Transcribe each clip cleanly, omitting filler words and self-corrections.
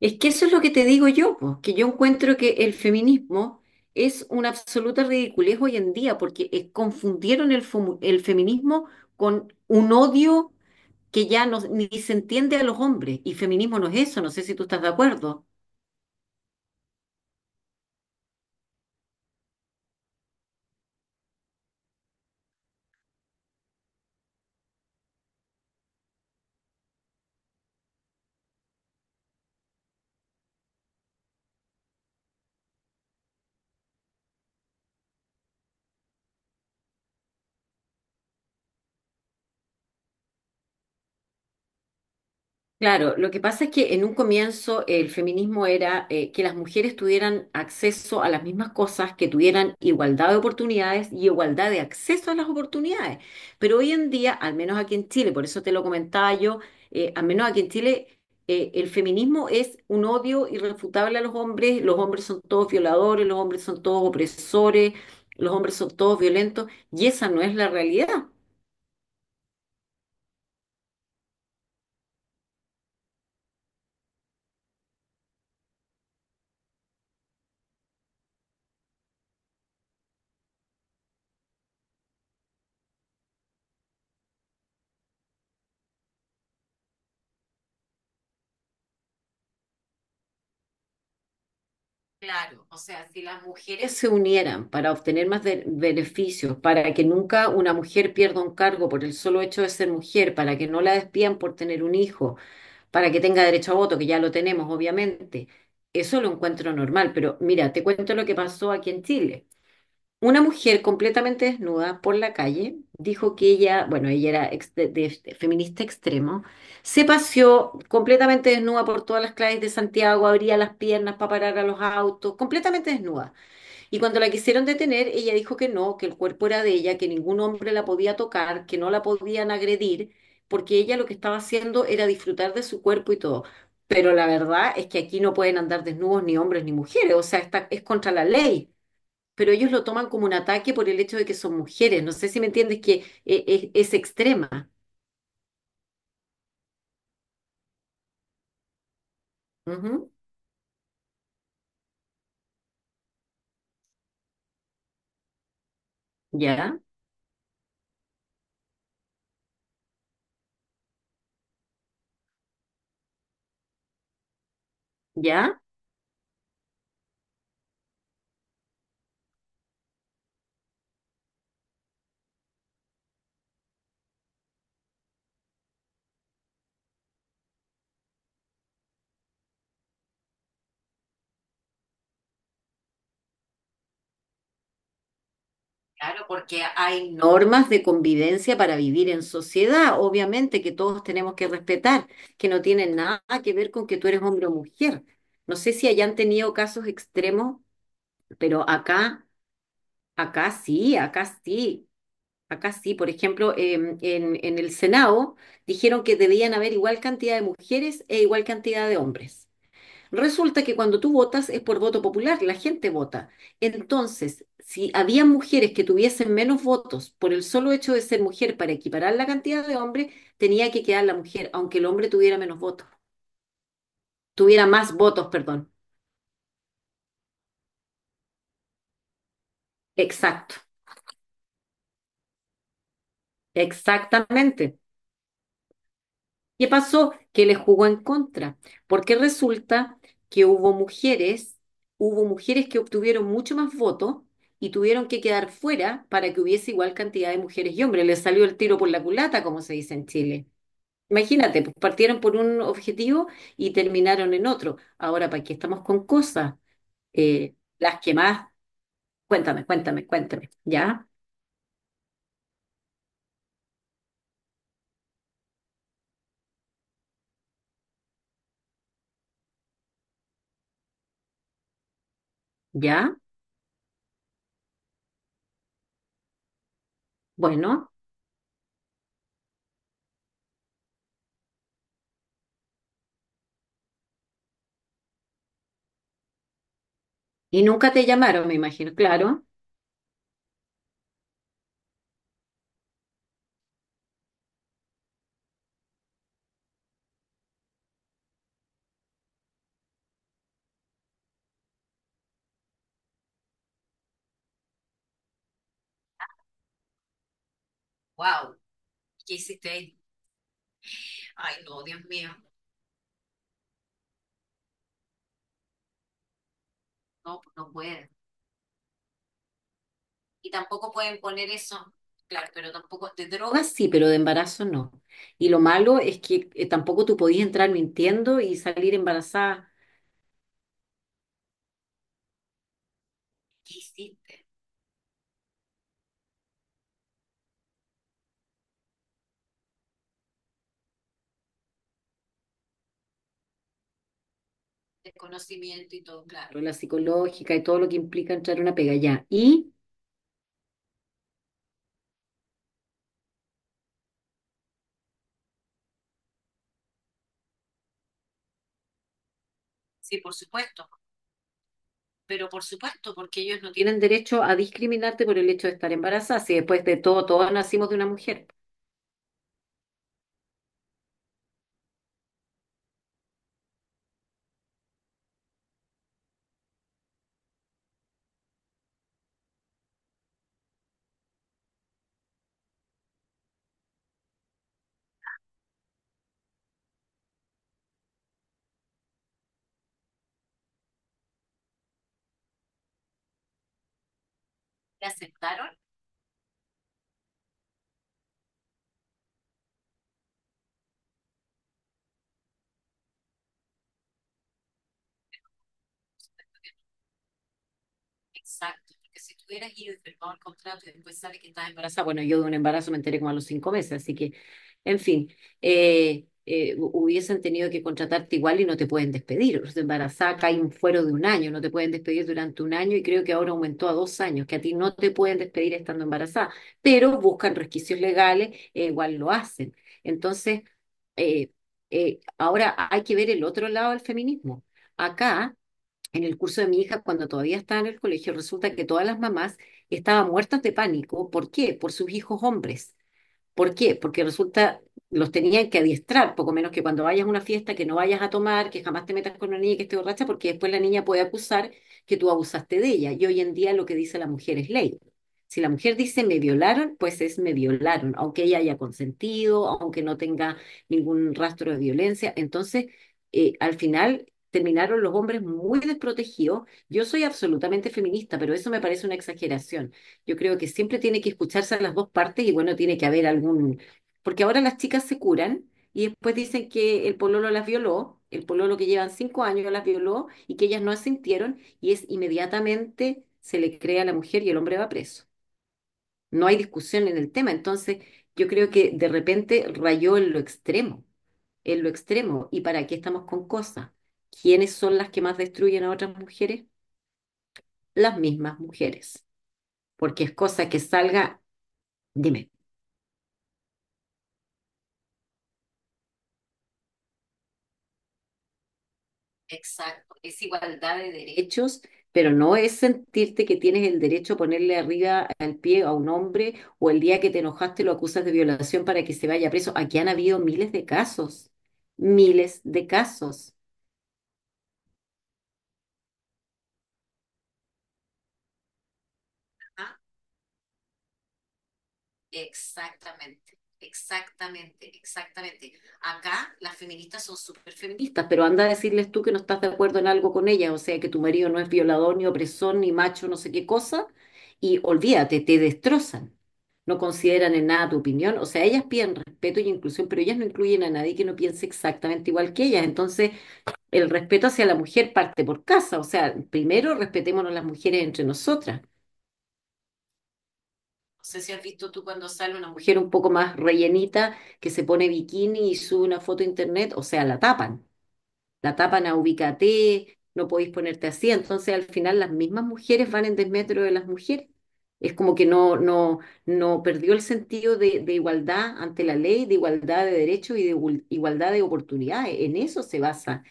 Es que eso es lo que te digo yo, pues, que yo encuentro que el feminismo es una absoluta ridiculez hoy en día, porque confundieron el feminismo con un odio que ya no, ni se entiende a los hombres, y feminismo no es eso, no sé si tú estás de acuerdo. Claro, lo que pasa es que en un comienzo el feminismo era que las mujeres tuvieran acceso a las mismas cosas, que tuvieran igualdad de oportunidades y igualdad de acceso a las oportunidades. Pero hoy en día, al menos aquí en Chile, por eso te lo comentaba yo, al menos aquí en Chile, el feminismo es un odio irrefutable a los hombres son todos violadores, los hombres son todos opresores, los hombres son todos violentos, y esa no es la realidad. Claro, o sea, si las mujeres se unieran para obtener más beneficios, para que nunca una mujer pierda un cargo por el solo hecho de ser mujer, para que no la despidan por tener un hijo, para que tenga derecho a voto, que ya lo tenemos, obviamente, eso lo encuentro normal. Pero mira, te cuento lo que pasó aquí en Chile. Una mujer completamente desnuda por la calle dijo que ella, bueno, ella era de feminista extremo, se paseó completamente desnuda por todas las calles de Santiago, abría las piernas para parar a los autos, completamente desnuda. Y cuando la quisieron detener, ella dijo que no, que el cuerpo era de ella, que ningún hombre la podía tocar, que no la podían agredir, porque ella lo que estaba haciendo era disfrutar de su cuerpo y todo. Pero la verdad es que aquí no pueden andar desnudos ni hombres ni mujeres, o sea, está, es contra la ley, pero ellos lo toman como un ataque por el hecho de que son mujeres. No sé si me entiendes que es extrema. Ujú. Ya, ya. Claro, porque hay normas. Normas de convivencia para vivir en sociedad, obviamente que todos tenemos que respetar, que no tienen nada que ver con que tú eres hombre o mujer. No sé si hayan tenido casos extremos, pero acá, acá sí, acá sí, acá sí. Por ejemplo, en el Senado dijeron que debían haber igual cantidad de mujeres e igual cantidad de hombres. Resulta que cuando tú votas es por voto popular, la gente vota. Entonces, si había mujeres que tuviesen menos votos por el solo hecho de ser mujer para equiparar la cantidad de hombres, tenía que quedar la mujer, aunque el hombre tuviera menos votos, tuviera más votos, perdón. Exacto, exactamente. ¿Qué pasó? Que le jugó en contra, porque resulta que hubo mujeres que obtuvieron mucho más votos y tuvieron que quedar fuera para que hubiese igual cantidad de mujeres y hombres. Les salió el tiro por la culata, como se dice en Chile. Imagínate, pues partieron por un objetivo y terminaron en otro. Ahora, ¿para qué estamos con cosas? Las que más, cuéntame, cuéntame, cuéntame. ¿Ya? ¿Ya? Bueno, y nunca te llamaron, me imagino, claro. Wow, ¿qué hiciste ahí? Ay, no, Dios mío. No, no pueden. Y tampoco pueden poner eso, claro, pero tampoco, de drogas sí, pero de embarazo no. Y lo malo es que tampoco tú podías entrar mintiendo y salir embarazada. ¿Qué hiciste? Desconocimiento y todo, claro. Pero la psicológica y todo lo que implica entrar a una pega ya. Y sí, por supuesto, pero por supuesto, porque ellos no tienen derecho a discriminarte por el hecho de estar embarazada, si después de todo, todos nacimos de una mujer. ¿Le aceptaron? Exacto, porque si tú hubieras ido y firmado el contrato y después sale que estás embarazada, bueno, yo de un embarazo me enteré como a los 5 meses, así que, en fin, hubiesen tenido que contratarte igual y no te pueden despedir. O sea, embarazada cae un fuero de un año, no te pueden despedir durante un año y creo que ahora aumentó a 2 años, que a ti no te pueden despedir estando embarazada, pero buscan resquicios legales, e igual lo hacen. Entonces, eh, ahora hay que ver el otro lado del feminismo. Acá en el curso de mi hija, cuando todavía estaba en el colegio, resulta que todas las mamás estaban muertas de pánico. ¿Por qué? Por sus hijos hombres. ¿Por qué? Porque resulta, los tenían que adiestrar, poco menos que cuando vayas a una fiesta, que no vayas a tomar, que jamás te metas con una niña que esté borracha, porque después la niña puede acusar que tú abusaste de ella. Y hoy en día lo que dice la mujer es ley. Si la mujer dice me violaron, pues es me violaron, aunque ella haya consentido, aunque no tenga ningún rastro de violencia. Entonces, al final terminaron los hombres muy desprotegidos. Yo soy absolutamente feminista, pero eso me parece una exageración. Yo creo que siempre tiene que escucharse a las dos partes y bueno, tiene que haber algún... Porque ahora las chicas se curan y después dicen que el pololo las violó, el pololo que llevan 5 años las violó y que ellas no asintieron y es inmediatamente se le cree a la mujer y el hombre va preso. No hay discusión en el tema, entonces yo creo que de repente rayó en lo extremo, en lo extremo. ¿Y para qué estamos con cosas? ¿Quiénes son las que más destruyen a otras mujeres? Las mismas mujeres, porque es cosa que salga, dime. Exacto, es igualdad de derechos, pero no es sentirte que tienes el derecho a ponerle arriba al pie a un hombre o el día que te enojaste lo acusas de violación para que se vaya preso. Aquí han habido miles de casos, miles de casos. Exactamente, exactamente, exactamente. Acá las feministas son súper feministas, pero anda a decirles tú que no estás de acuerdo en algo con ellas, o sea, que tu marido no es violador, ni opresor, ni macho, no sé qué cosa, y olvídate, te destrozan. No consideran en nada tu opinión, o sea, ellas piden respeto y inclusión, pero ellas no incluyen a nadie que no piense exactamente igual que ellas. Entonces, el respeto hacia la mujer parte por casa, o sea, primero respetémonos las mujeres entre nosotras. No sé si has visto tú cuando sale una mujer un poco más rellenita que se pone bikini y sube una foto a internet, o sea, la tapan a ubícate, no podéis ponerte así. Entonces, al final, las mismas mujeres van en desmetro de las mujeres. Es como que no, no, no perdió el sentido de igualdad ante la ley, de igualdad de derechos y de igualdad de oportunidades. En eso se basa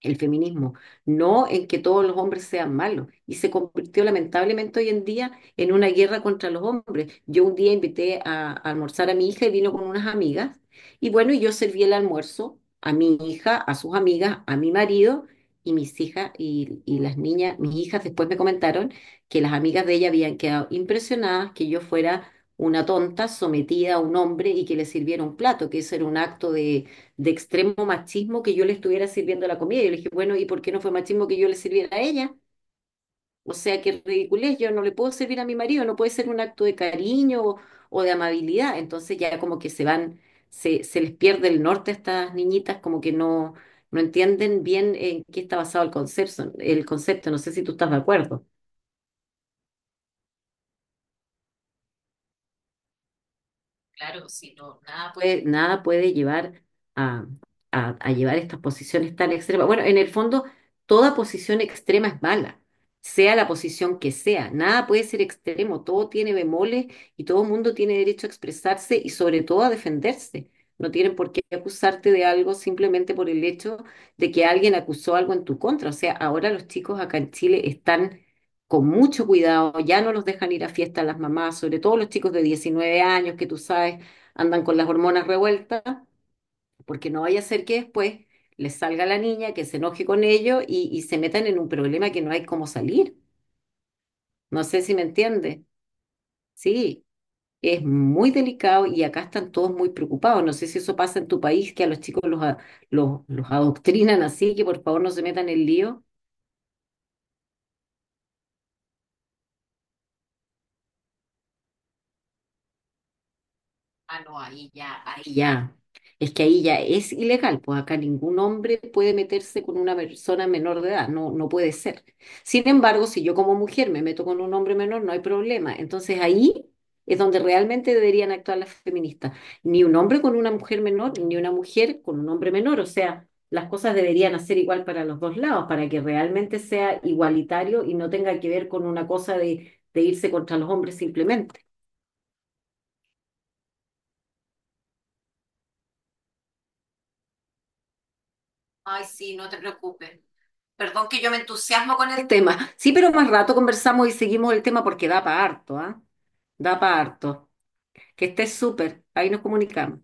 el feminismo, no en que todos los hombres sean malos. Y se convirtió lamentablemente hoy en día en una guerra contra los hombres. Yo un día invité a almorzar a mi hija y vino con unas amigas. Y bueno, y yo serví el almuerzo a mi hija, a sus amigas, a mi marido y mis hijas y las niñas, mis hijas después me comentaron que las amigas de ella habían quedado impresionadas que yo fuera una tonta sometida a un hombre y que le sirviera un plato, que eso era un acto de extremo machismo que yo le estuviera sirviendo la comida. Yo le dije, bueno, ¿y por qué no fue machismo que yo le sirviera a ella? O sea, qué ridiculez, yo no le puedo servir a mi marido, no puede ser un acto de cariño o de amabilidad. Entonces ya como que se les pierde el norte a estas niñitas, como que no, no entienden bien en qué está basado el concepto, el concepto. No sé si tú estás de acuerdo. Claro, si no, nada puede, nada puede llevar a, a llevar estas posiciones tan extremas. Bueno, en el fondo, toda posición extrema es mala, sea la posición que sea. Nada puede ser extremo, todo tiene bemoles y todo el mundo tiene derecho a expresarse y sobre todo a defenderse. No tienen por qué acusarte de algo simplemente por el hecho de que alguien acusó algo en tu contra. O sea, ahora los chicos acá en Chile están con mucho cuidado, ya no los dejan ir a fiestas las mamás, sobre todo los chicos de 19 años que tú sabes andan con las hormonas revueltas, porque no vaya a ser que después les salga la niña, que se enoje con ellos y se metan en un problema que no hay cómo salir. No sé si me entiendes. Sí, es muy delicado y acá están todos muy preocupados. No sé si eso pasa en tu país, que a los chicos los adoctrinan así, que por favor no se metan en lío. Ah, no, ahí ya, ahí ya. Es que ahí ya es ilegal, pues acá ningún hombre puede meterse con una persona menor de edad, no, no puede ser. Sin embargo, si yo como mujer me meto con un hombre menor, no hay problema. Entonces ahí es donde realmente deberían actuar las feministas. Ni un hombre con una mujer menor, ni una mujer con un hombre menor. O sea, las cosas deberían hacer igual para los dos lados, para que realmente sea igualitario y no tenga que ver con una cosa de irse contra los hombres simplemente. Ay, sí, no te preocupes. Perdón que yo me entusiasmo con el tema. Sí, pero más rato conversamos y seguimos el tema porque da para harto, ¿ah? Da para harto. Que estés súper. Ahí nos comunicamos.